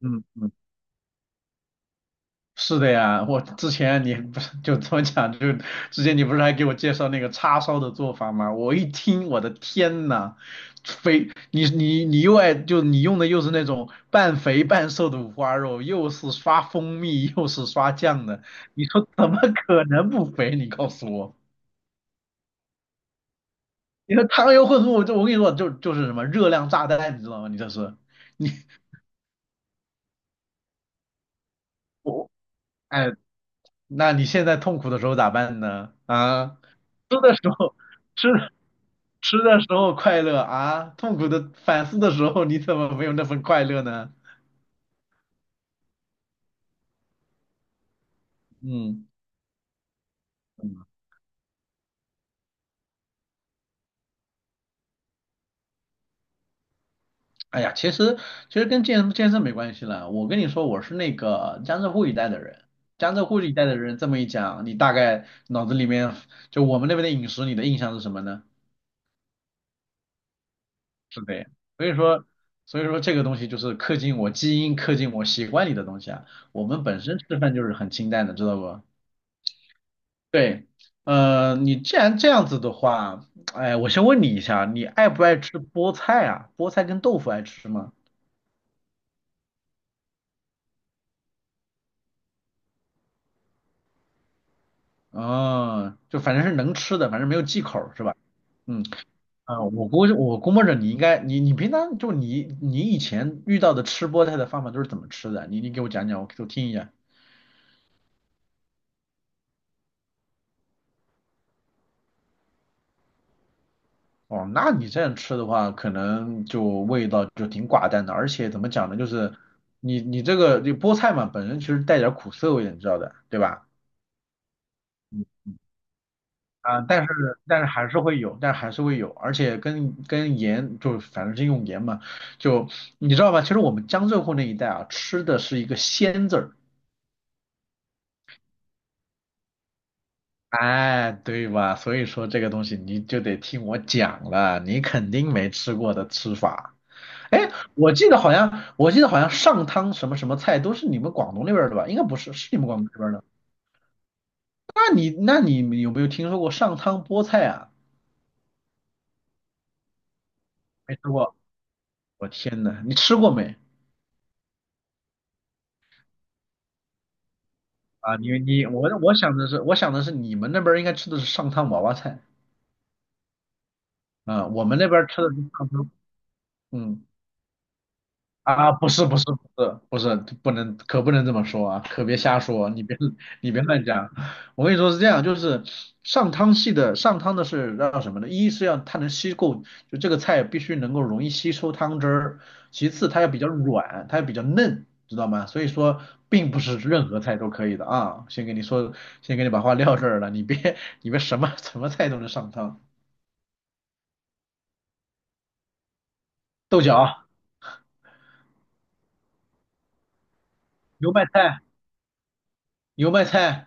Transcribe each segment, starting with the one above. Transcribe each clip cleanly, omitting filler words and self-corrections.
嗯嗯，是的呀。我之前你不是就这么讲，就之前你不是还给我介绍那个叉烧的做法吗？我一听，我的天呐，肥，你又爱就你用的又是那种半肥半瘦的五花肉，又是刷蜂蜜，又是刷酱的，你说怎么可能不肥？你告诉我，你说糖油混合物，就我跟你说，就是什么热量炸弹，你知道吗？你这是你我哎，那你现在痛苦的时候咋办呢？啊，吃的时候。吃。吃的时候快乐啊，痛苦的反思的时候，你怎么没有那份快乐呢？嗯嗯，哎呀，其实跟健身没关系了。我跟你说，我是那个江浙沪一带的人，江浙沪一带的人这么一讲，你大概脑子里面就我们那边的饮食，你的印象是什么呢？是的呀，所以说所以说这个东西就是刻进我基因、刻进我习惯里的东西啊。我们本身吃饭就是很清淡的，知道不？对。你既然这样子的话，哎，我先问你一下，你爱不爱吃菠菜啊？菠菜跟豆腐爱吃吗？嗯，就反正是能吃的，反正没有忌口儿是吧？嗯，啊，我估摸着你应该，你平常就你以前遇到的吃菠菜的方法都是怎么吃的啊？你给我讲讲，我听一下。哦，那你这样吃的话，可能就味道就挺寡淡的，而且怎么讲呢，就是你这菠菜嘛，本身其实带点儿苦涩味的，你知道的，对吧？嗯啊、但是还是会有，但还是会有，而且跟盐就反正是用盐嘛，就你知道吧？其实我们江浙沪那一带啊，吃的是一个鲜字儿。哎，对吧？所以说这个东西你就得听我讲了，你肯定没吃过的吃法。哎，我记得好像上汤什么什么菜都是你们广东那边儿的吧？应该不是，是你们广东这边儿的。那你有没有听说过上汤菠菜啊？没吃过，我天呐，你吃过没？啊，你你我我想的是，我想的是你们那边儿应该吃的是上汤娃娃菜啊，我们那边儿吃的是上汤。嗯。啊，不是不是不是不是，不能可不能这么说啊，可别瞎说。你别乱讲。我跟你说是这样，就是上汤的是要什么呢？一是要它能吸够，就这个菜必须能够容易吸收汤汁儿；其次它要比较软，它要比较嫩，知道吗？所以说并不是任何菜都可以的啊。先给你说，先给你把话撂这儿了。你别什么什么菜都能上汤，豆角、油麦菜、油麦菜。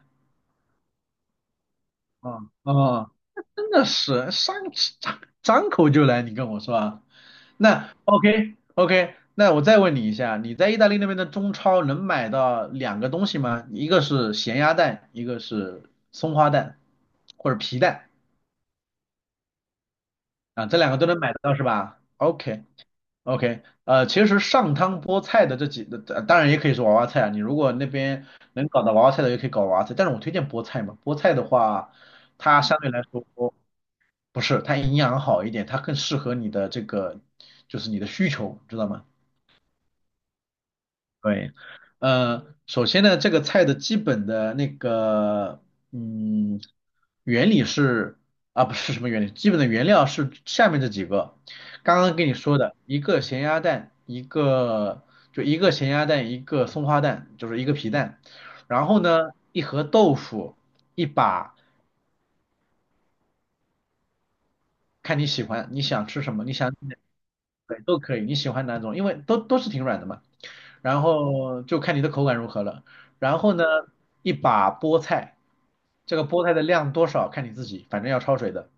啊啊，真的是张口就来，你跟我说啊。那 OK OK,那我再问你一下，你在意大利那边的中超能买到两个东西吗？一个是咸鸭蛋，一个是松花蛋或者皮蛋啊，这两个都能买得到是吧？OK OK。其实上汤菠菜的当然也可以是娃娃菜啊，你如果那边能搞到娃娃菜的，也可以搞娃娃菜，但是我推荐菠菜嘛，菠菜的话，它相对来说。不是，它营养好一点，它更适合你的这个，就是你的需求，知道吗？对。首先呢，这个菜的基本的那个，嗯，原理是啊，不是什么原理，基本的原料是下面这几个，刚刚跟你说的，一个咸鸭蛋，一个咸鸭蛋，一个松花蛋，就是一个皮蛋，然后呢，一盒豆腐，一把，看你喜欢，你想吃什么，你想。对，都可以，你喜欢哪种，因为都是挺软的嘛。然后就看你的口感如何了。然后呢，一把菠菜，这个菠菜的量多少看你自己，反正要焯水的。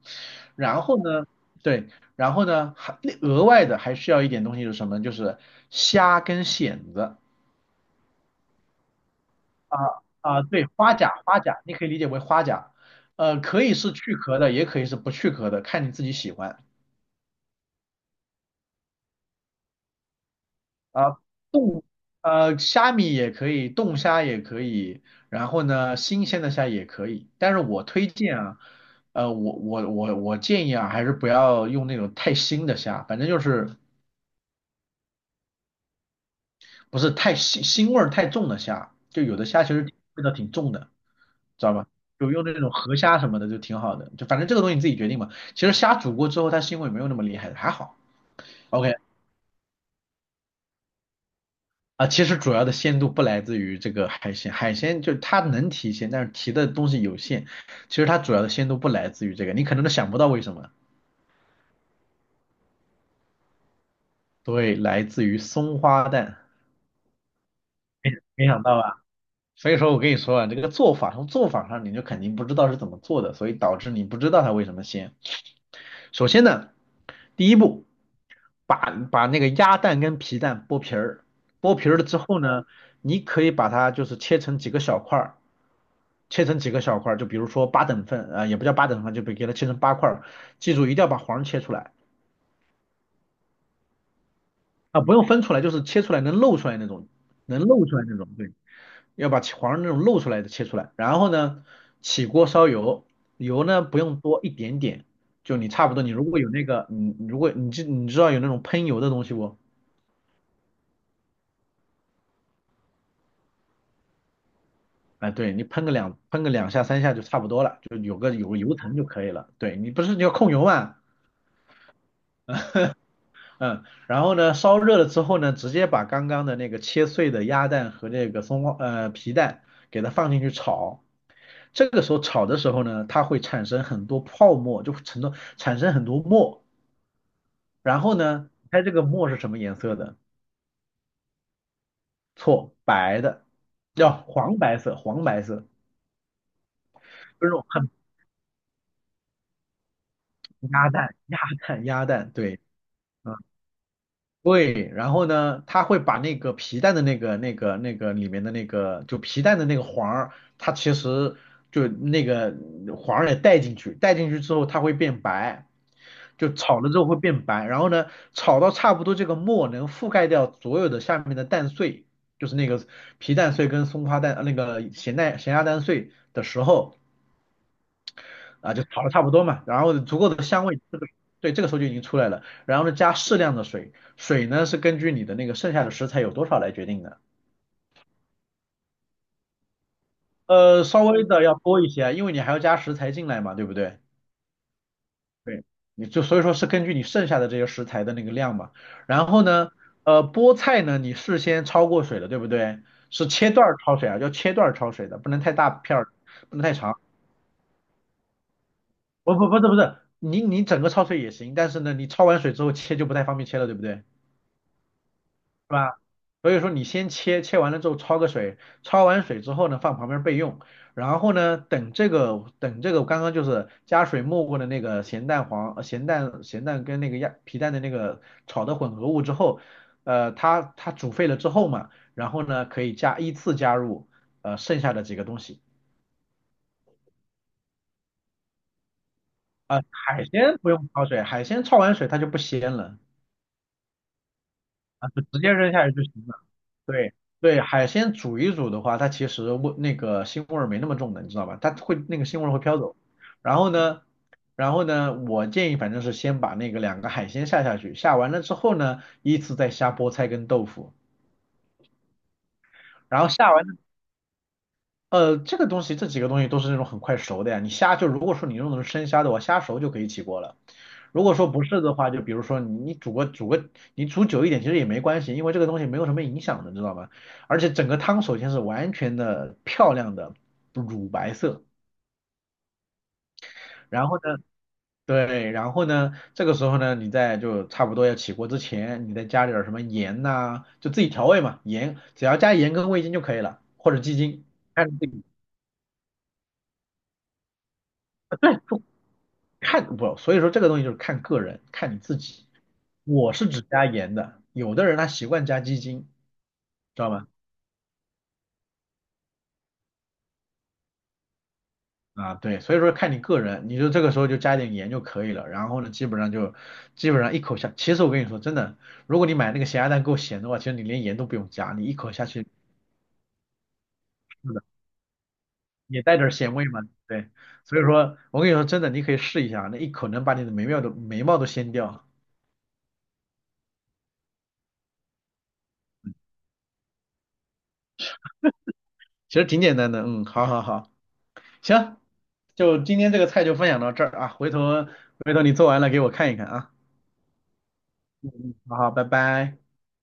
然后呢，对，然后呢，还额外的还需要一点东西是什么？就是虾跟蚬子啊，对，花甲，花甲，你可以理解为花甲。可以是去壳的，也可以是不去壳的，看你自己喜欢。啊，冻虾米也可以，冻虾也可以，然后呢，新鲜的虾也可以。但是我推荐啊。我建议啊，还是不要用那种太腥的虾，反正就是不是太腥腥味儿太重的虾，就有的虾其实味道挺重的，知道吧？就用那种河虾什么的就挺好的，就反正这个东西你自己决定嘛。其实虾煮过之后，它腥味没有那么厉害，还好。OK。啊，其实主要的鲜度不来自于这个海鲜，海鲜就是它能提鲜，但是提的东西有限。其实它主要的鲜度不来自于这个，你可能都想不到为什么。对，来自于松花蛋。没想到吧？所以说我跟你说啊，这个做法从做法上你就肯定不知道是怎么做的，所以导致你不知道它为什么鲜。首先呢，第一步，把那个鸭蛋跟皮蛋剥皮儿，剥皮儿了之后呢，你可以把它就是切成几个小块儿。切成几个小块儿，就比如说八等份，啊，也不叫八等份，就给它切成八块儿。记住，一定要把黄切出来啊，不用分出来，就是切出来能露出来那种，能露出来那种，对，要把黄那种露出来的切出来。然后呢，起锅烧油，油呢不用多，一点点，就你差不多，你如果有那个，你如果你知道有那种喷油的东西不？哎，对你喷个两下三下就差不多了，就有个油层就可以了。对你不是你要控油嘛？嗯，然后呢，烧热了之后呢，直接把刚刚的那个切碎的鸭蛋和那个皮蛋给它放进去炒。这个时候炒的时候呢，它会产生很多泡沫，就会产生很多沫。然后呢，猜这个沫是什么颜色的？错，白的，叫黄白色，黄白色，就是那种很鸭蛋，鸭蛋，鸭蛋，对。对，然后呢，它会把那个皮蛋的那个里面的那个，就皮蛋的那个黄儿，它其实就那个黄儿也带进去，带进去之后它会变白，就炒了之后会变白，然后呢，炒到差不多这个沫能覆盖掉所有的下面的蛋碎，就是那个皮蛋碎跟松花蛋、那个咸蛋、咸鸭蛋碎的时候，啊，就炒的差不多嘛，然后足够的香味，对，这个时候就已经出来了，然后呢加适量的水，水呢是根据你的那个剩下的食材有多少来决定的。稍微的要多一些啊，因为你还要加食材进来嘛，对不对？对，你就所以说是根据你剩下的这些食材的那个量嘛。然后呢，菠菜呢你事先焯过水了，对不对？是切段儿焯水啊，要切段儿焯水的，不能太大片儿，不能太长，不是，你整个焯水也行，但是呢你焯完水之后切就不太方便切了，对不对？是吧？所以说你先切，切完了之后焯个水，焯完水之后呢，放旁边备用。然后呢，等这个刚刚就是加水没过的那个咸蛋黄、咸蛋跟那个鸭皮蛋的那个炒的混合物之后，它煮沸了之后嘛，然后呢可以依次加入剩下的几个东西。啊，海鲜不用焯水，海鲜焯完水它就不鲜了。啊，就直接扔下去就行了。对，对，海鲜煮一煮的话，它其实那个腥味儿没那么重的，你知道吧？它会那个腥味儿会飘走。然后呢，然后呢，我建议反正是先把那个两个海鲜下下去，下完了之后呢，依次再下菠菜跟豆腐。然后下完这个东西，这几个东西都是那种很快熟的呀。你虾就如果说你用的是生虾的话，虾熟就可以起锅了。如果说不是的话，就比如说你煮个，你煮久一点其实也没关系，因为这个东西没有什么影响的，知道吗？而且整个汤首先是完全的漂亮的乳白色。然后呢，对，然后呢，这个时候呢，你在就差不多要起锅之前，你再加点儿什么盐呐、就自己调味嘛，盐只要加盐跟味精就可以了，或者鸡精，看你自己。看不，所以说这个东西就是看个人，看你自己。我是只加盐的，有的人他习惯加鸡精，知道吗？啊，对，所以说看你个人，你就这个时候就加点盐就可以了。然后呢，基本上一口下，其实我跟你说真的，如果你买那个咸鸭蛋够咸的话，其实你连盐都不用加，你一口下去，是的，也带点咸味嘛。对，所以说我跟你说真的，你可以试一下，那一口能把你的眉毛都掀掉，其实挺简单的。嗯，好好好，行，就今天这个菜就分享到这儿啊，回头你做完了给我看一看啊。好好，拜拜。